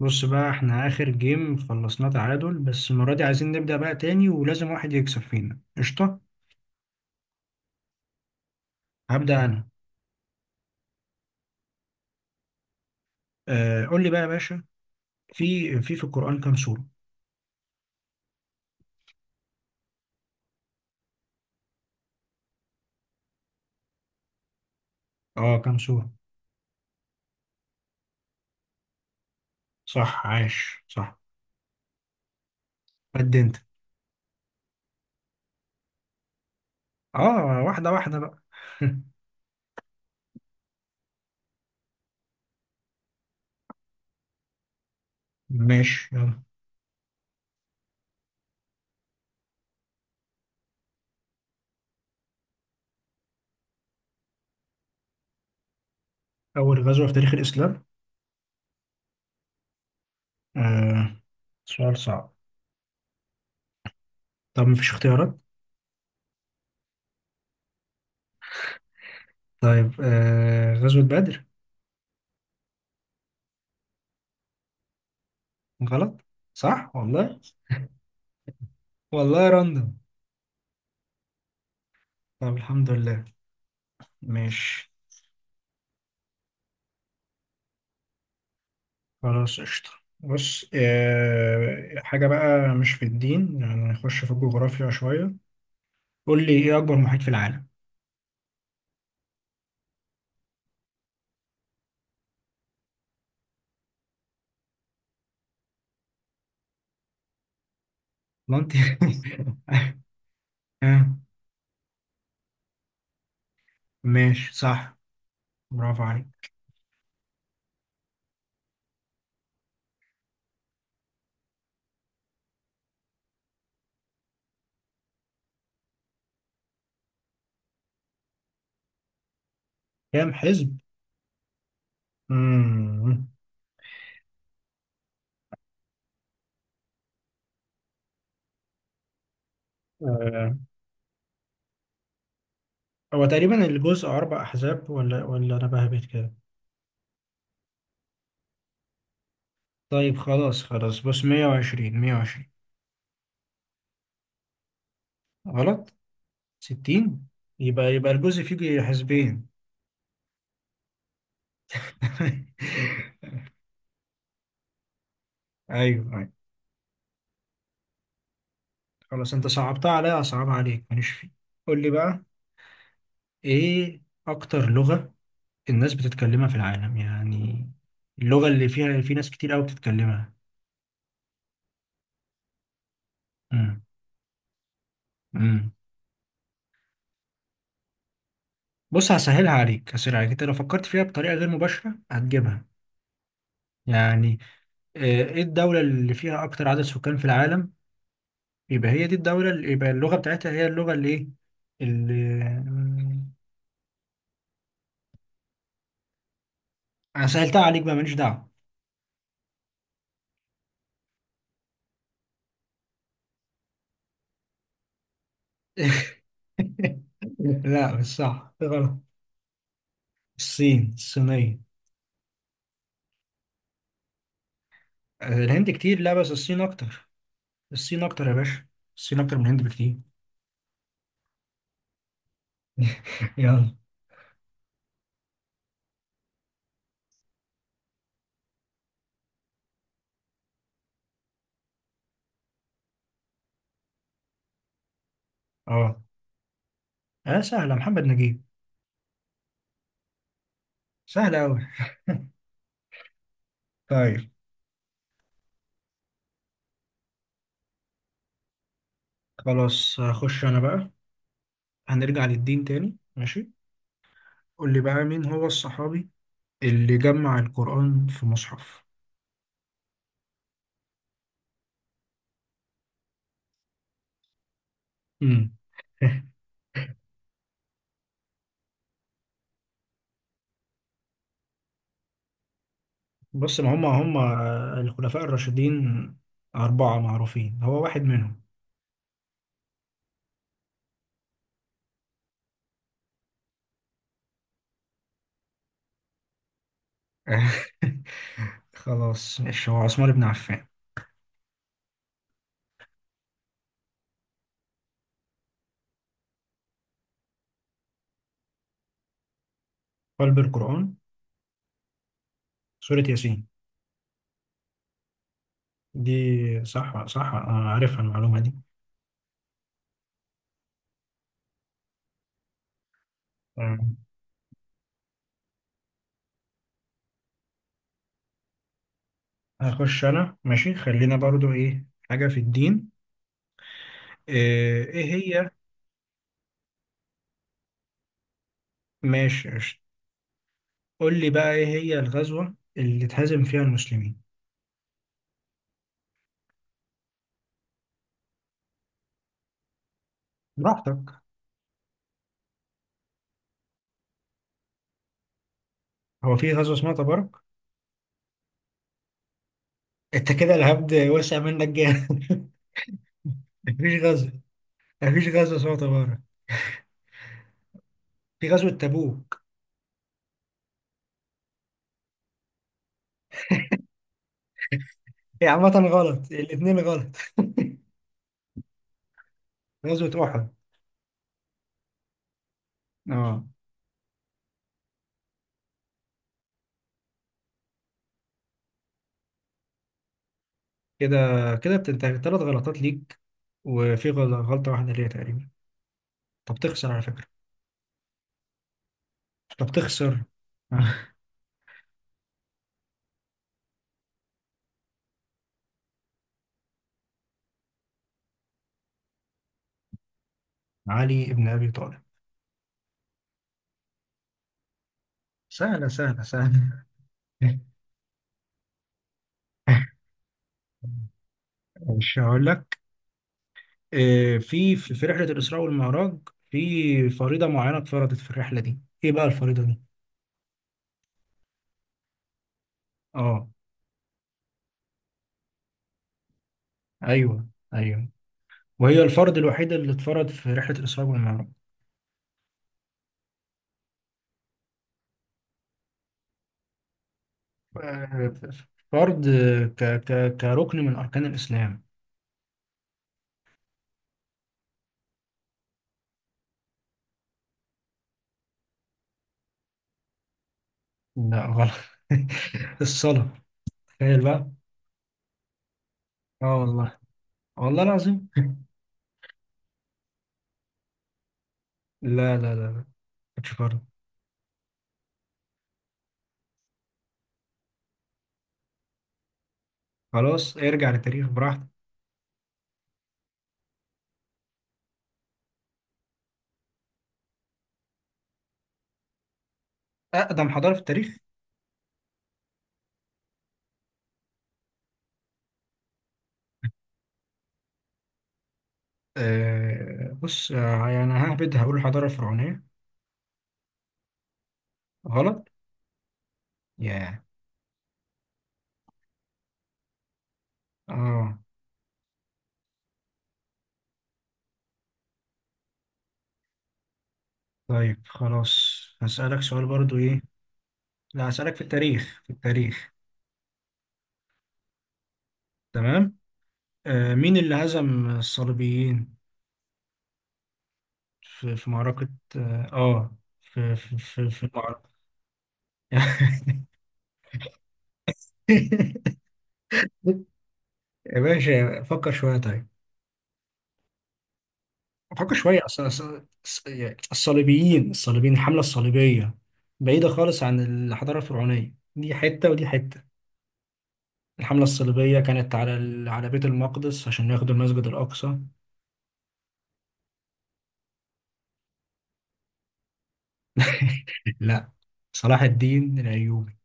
بص بقى احنا اخر جيم خلصناه تعادل، بس المرة دي عايزين نبدأ بقى تاني ولازم واحد يكسب فينا. قشطة، هبدأ انا. آه قول لي بقى يا باشا. في القرآن كام سورة؟ اه كام سورة. صح، عاش، صح. قد انت. اه واحدة واحدة بقى. ماشي يلا. اول غزوة في تاريخ الاسلام؟ آه سؤال صعب. طب مفيش اختيارات؟ طيب غزوة بدر. غلط؟ صح والله. والله راندوم. طب الحمد لله. ماشي خلاص قشطة. بص، حاجة بقى مش في الدين، يعني نخش في الجغرافيا شوية. قول لي إيه أكبر محيط في العالم؟ ما أنت آه، ماشي صح. برافو عليك. كام حزب؟ مم. آه، هو تقريبا الجزء أربع أحزاب ولا أنا بهبت كده. طيب خلاص خلاص، بص 120. 120 غلط؟ 60. يبقى الجزء فيه حزبين. أيوه. أيوه خلاص، انت صعبتها عليا اصعبها عليك ماليش فيه. قول لي بقى، ايه اكتر لغة الناس بتتكلمها في العالم؟ يعني اللغة اللي فيها في ناس كتير قوي بتتكلمها. امم. امم. بص هسهلها عليك، هسهلها عليك، انت لو فكرت فيها بطريقة غير مباشرة هتجيبها. يعني آه، ايه الدولة اللي فيها اكتر عدد سكان في العالم؟ يبقى هي دي الدولة اللي يبقى اللغة بتاعتها هي اللغة اللي ايه اللي. مم، انا سهلتها عليك بقى ماليش دعوة. لا مش صح، غلط. الصين، الصينية. الهند كتير لا، بس الصين اكتر. الصين اكتر يا باشا. الصين اكتر من الهند بكتير. يلا. اه. اه سهلة، محمد نجيب. سهلة اوي. طيب خلاص، هخش انا بقى. هنرجع للدين تاني، ماشي. قول لي بقى، مين هو الصحابي اللي جمع القرآن في مصحف؟ امم. بص ما هم الخلفاء الراشدين، أربعة معروفين هو واحد منهم. خلاص ماشي، هو عثمان بن عفان. قلب القرآن؟ سورة ياسين. دي صح صح، أنا عارفها المعلومة دي. أمم. هخش أنا ماشي، خلينا برضو إيه حاجة في الدين. إيه إيه هي؟ ماشي قشطة. قول لي بقى، إيه هي الغزوة اللي اتهزم فيها المسلمين؟ براحتك. هو في غزوة اسمها تبارك؟ أنت كده الهبد وسع منك جامد. مفيش غزوة. مفيش غزوة اسمها تبارك، في غزوة تبوك. هي عامة غلط، الاتنين غلط. غزوة أحد. أه. كده، كده بتنتهي تلات غلطات ليك، وفي غلطة واحدة ليا تقريبا. طب تخسر على فكرة. طب تخسر. علي ابن ابي طالب. سهلة سهلة سهلة. مش هقول لك. آه، في رحله الاسراء والمعراج في فريضه معينه اتفرضت في الرحله دي، ايه بقى الفريضه دي؟ اه. ايوه. ايوه، وهي الفرض الوحيد اللي اتفرض في رحله الاسراء والمعراج. آه، فرض آه، ك ك كركن من اركان الاسلام. لا غلط. الصلاه. تخيل بقى. اه والله. والله العظيم. لا، مش فرض. خلاص ارجع للتاريخ براحتك. أقدم حضارة في التاريخ؟ أه بص آه، يعني ههبد هقول الحضارة الفرعونية. غلط؟ ياه. اه. طيب خلاص هسألك سؤال برضو، إيه. لا هسألك في التاريخ، في التاريخ. تمام. أه مين اللي هزم الصليبيين في، في معركة؟ اه آه، في المعركة. يا باشا فكر شوية طيب. فكر شوية، يعني الصليبيين، الصليبيين، الحملة الصليبية بعيدة خالص عن الحضارة الفرعونية. دي حتة ودي حتة. الحملة الصليبية كانت على على بيت المقدس عشان ياخدوا المسجد الأقصى. لا، صلاح الدين الأيوبي.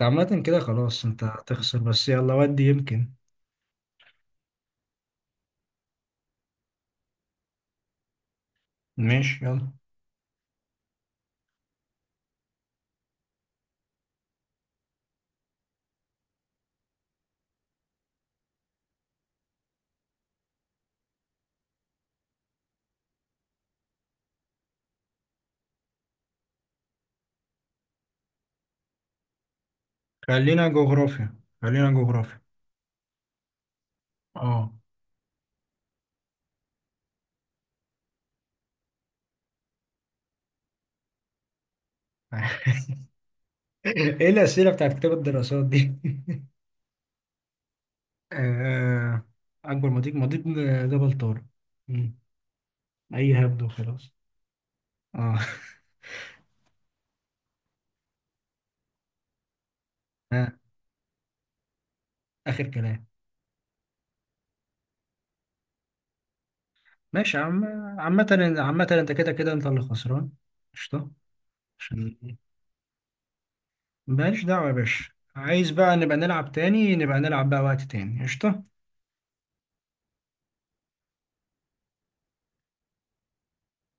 عامة كده خلاص أنت هتخسر، بس يلا ودي يمكن. ماشي يلا. خلينا جغرافيا، خلينا جغرافيا. اه. ايه الأسئلة بتاعت كتاب الدراسات دي؟ آه، أكبر مضيق، مضيق جبل طارق. مم. أي هبد وخلاص. آه. آه، آخر كلام. ماشي يا عم. عامة عامة أنت كده كده أنت اللي خسران. قشطة. عشان ماليش دعوة يا باشا. عايز بقى نبقى نلعب تاني، نبقى نلعب بقى وقت تاني. قشطة.